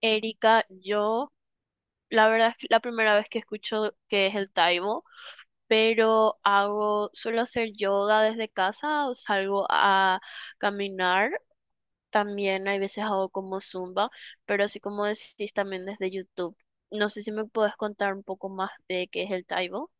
Erika, yo la verdad es que la primera vez que escucho que es el Taibo, pero suelo hacer yoga desde casa o salgo a caminar. También hay veces hago como zumba, pero así como decís también desde YouTube. No sé si me puedes contar un poco más de qué es el Taibo.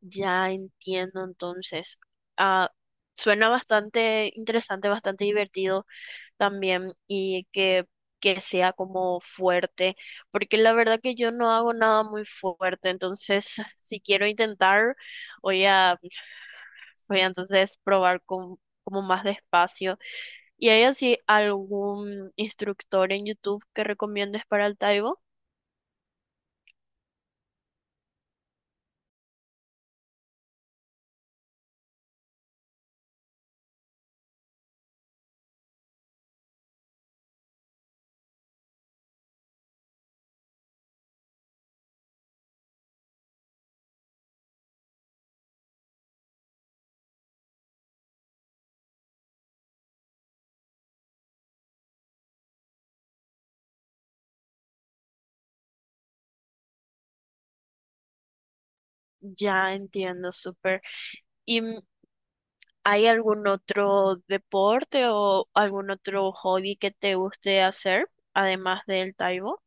Ya entiendo entonces. Ah, suena bastante interesante, bastante divertido. También y que sea como fuerte, porque la verdad que yo no hago nada muy fuerte, entonces si quiero intentar, voy a, voy a entonces probar con, como más despacio. ¿Y hay así algún instructor en YouTube que recomiendes para el Taibo? Ya entiendo, súper. ¿Y hay algún otro deporte o algún otro hobby que te guste hacer, además del Taibo?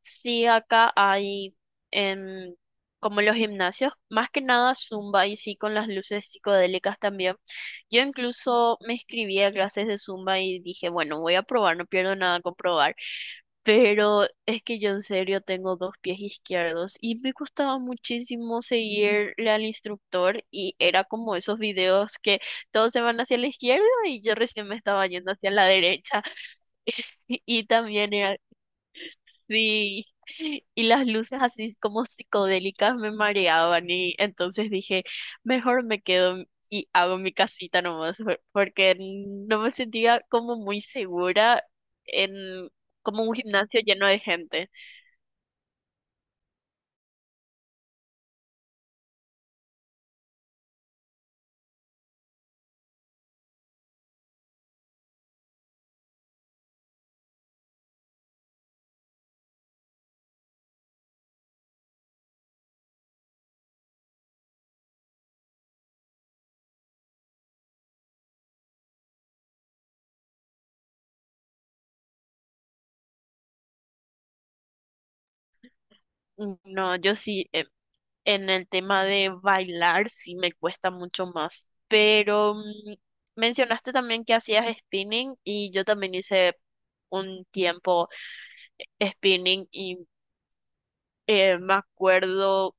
Sí, acá hay em, como los gimnasios, más que nada Zumba y sí con las luces psicodélicas también. Yo incluso me inscribí a clases de Zumba y dije, bueno, voy a probar, no pierdo nada con probar. Pero es que yo en serio tengo dos pies izquierdos y me costaba muchísimo seguirle al instructor y era como esos videos que todos se van hacia la izquierda y yo recién me estaba yendo hacia la derecha. Y también era. Sí, y las luces así como psicodélicas me mareaban y entonces dije, mejor me quedo y hago mi casita nomás, porque no me sentía como muy segura en como un gimnasio lleno de gente. No, yo sí, en el tema de bailar sí me cuesta mucho más, pero mencionaste también que hacías spinning y yo también hice un tiempo spinning y me acuerdo.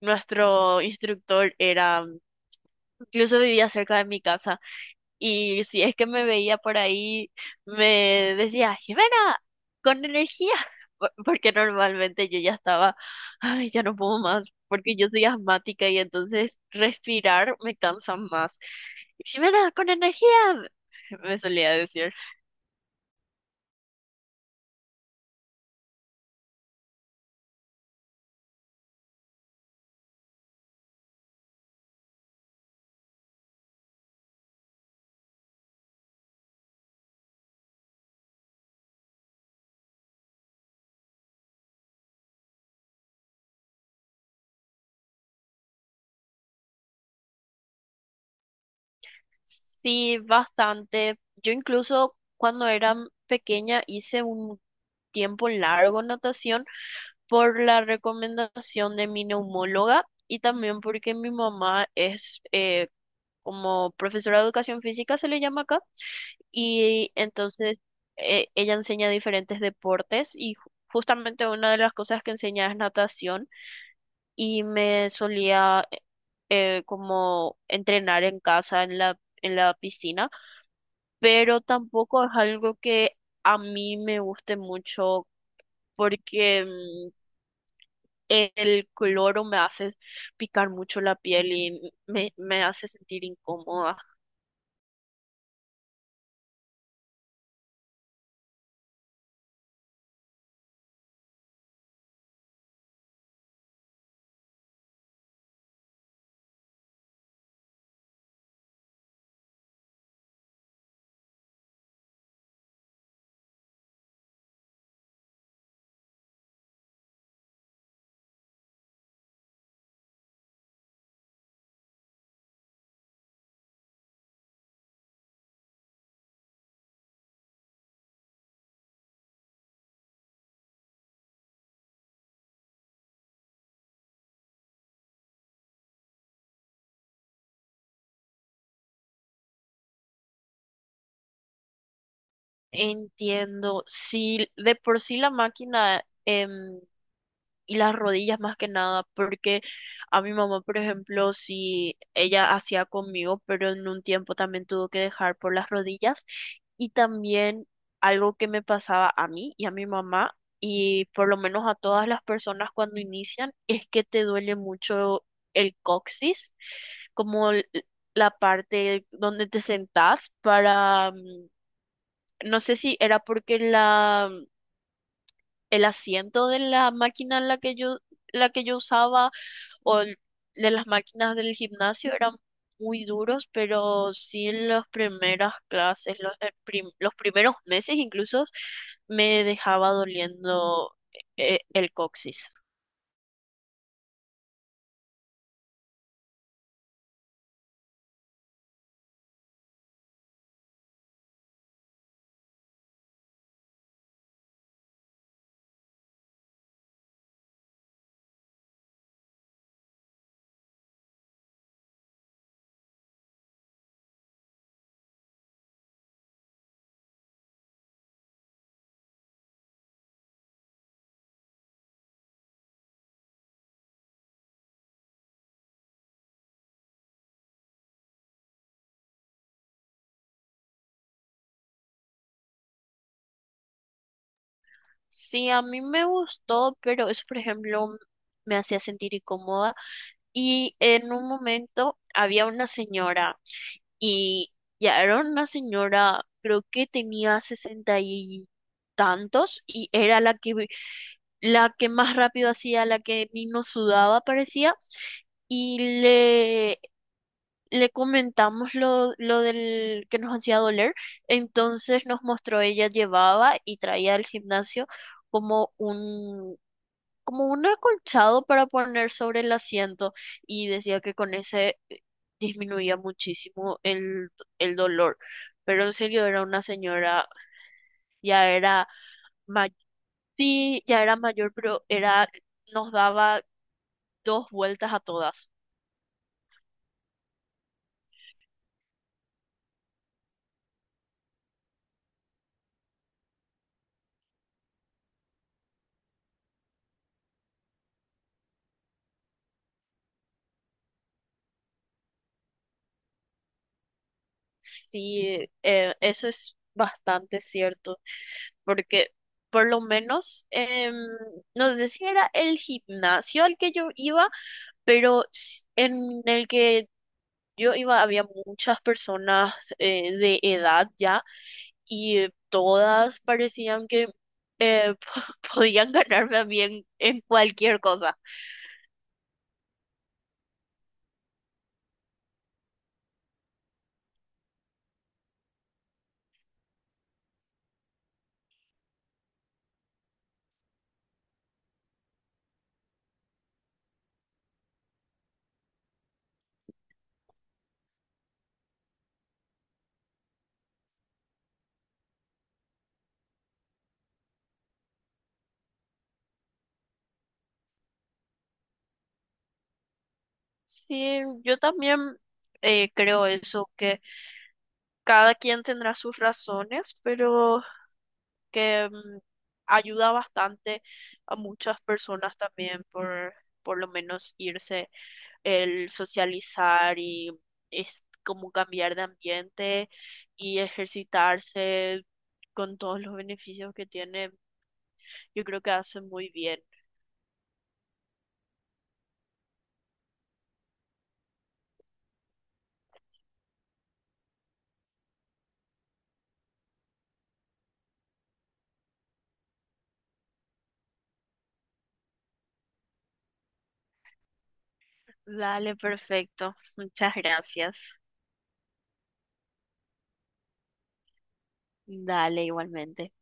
Nuestro instructor era, incluso vivía cerca de mi casa y si es que me veía por ahí, me decía, Jimena, con energía, porque normalmente yo ya estaba, ay, ya no puedo más, porque yo soy asmática y entonces respirar me cansa más. Jimena, con energía, me solía decir. Sí, bastante. Yo incluso cuando era pequeña hice un tiempo largo natación por la recomendación de mi neumóloga y también porque mi mamá es como profesora de educación física, se le llama acá, y entonces ella enseña diferentes deportes y justamente una de las cosas que enseña es natación y me solía como entrenar en casa, en la piscina, pero tampoco es algo que a mí me guste mucho porque el cloro me hace picar mucho la piel y me hace sentir incómoda. Entiendo, sí, de por sí la máquina y las rodillas más que nada, porque a mi mamá, por ejemplo, si ella hacía conmigo, pero en un tiempo también tuvo que dejar por las rodillas y también algo que me pasaba a mí y a mi mamá y por lo menos a todas las personas cuando inician es que te duele mucho el coxis, como la parte donde te sentás para no sé si era porque la, el asiento de la máquina en la que yo usaba o de las máquinas del gimnasio eran muy duros, pero sí en las primeras clases, los, los primeros meses incluso, me dejaba doliendo el coxis. Sí, a mí me gustó, pero eso, por ejemplo, me hacía sentir incómoda. Y en un momento había una señora y ya era una señora, creo que tenía sesenta y tantos y era la que más rápido hacía, la que ni nos sudaba parecía, y le comentamos lo del que nos hacía doler, entonces nos mostró, ella llevaba y traía al gimnasio como un, como un acolchado para poner sobre el asiento, y decía que con ese disminuía muchísimo el dolor. Pero en serio era una señora, ya era mayor, sí, ya era mayor, pero era, nos daba dos vueltas a todas. Sí, eso es bastante cierto, porque por lo menos, no sé si era el gimnasio al que yo iba, pero en el que yo iba había muchas personas de edad ya y todas parecían que eh, podían ganarme a mí en cualquier cosa. Sí, yo también creo eso, que cada quien tendrá sus razones, pero que ayuda bastante a muchas personas también por lo menos irse, el socializar y es como cambiar de ambiente y ejercitarse con todos los beneficios que tiene, yo creo que hace muy bien. Dale, perfecto. Muchas gracias. Dale, igualmente.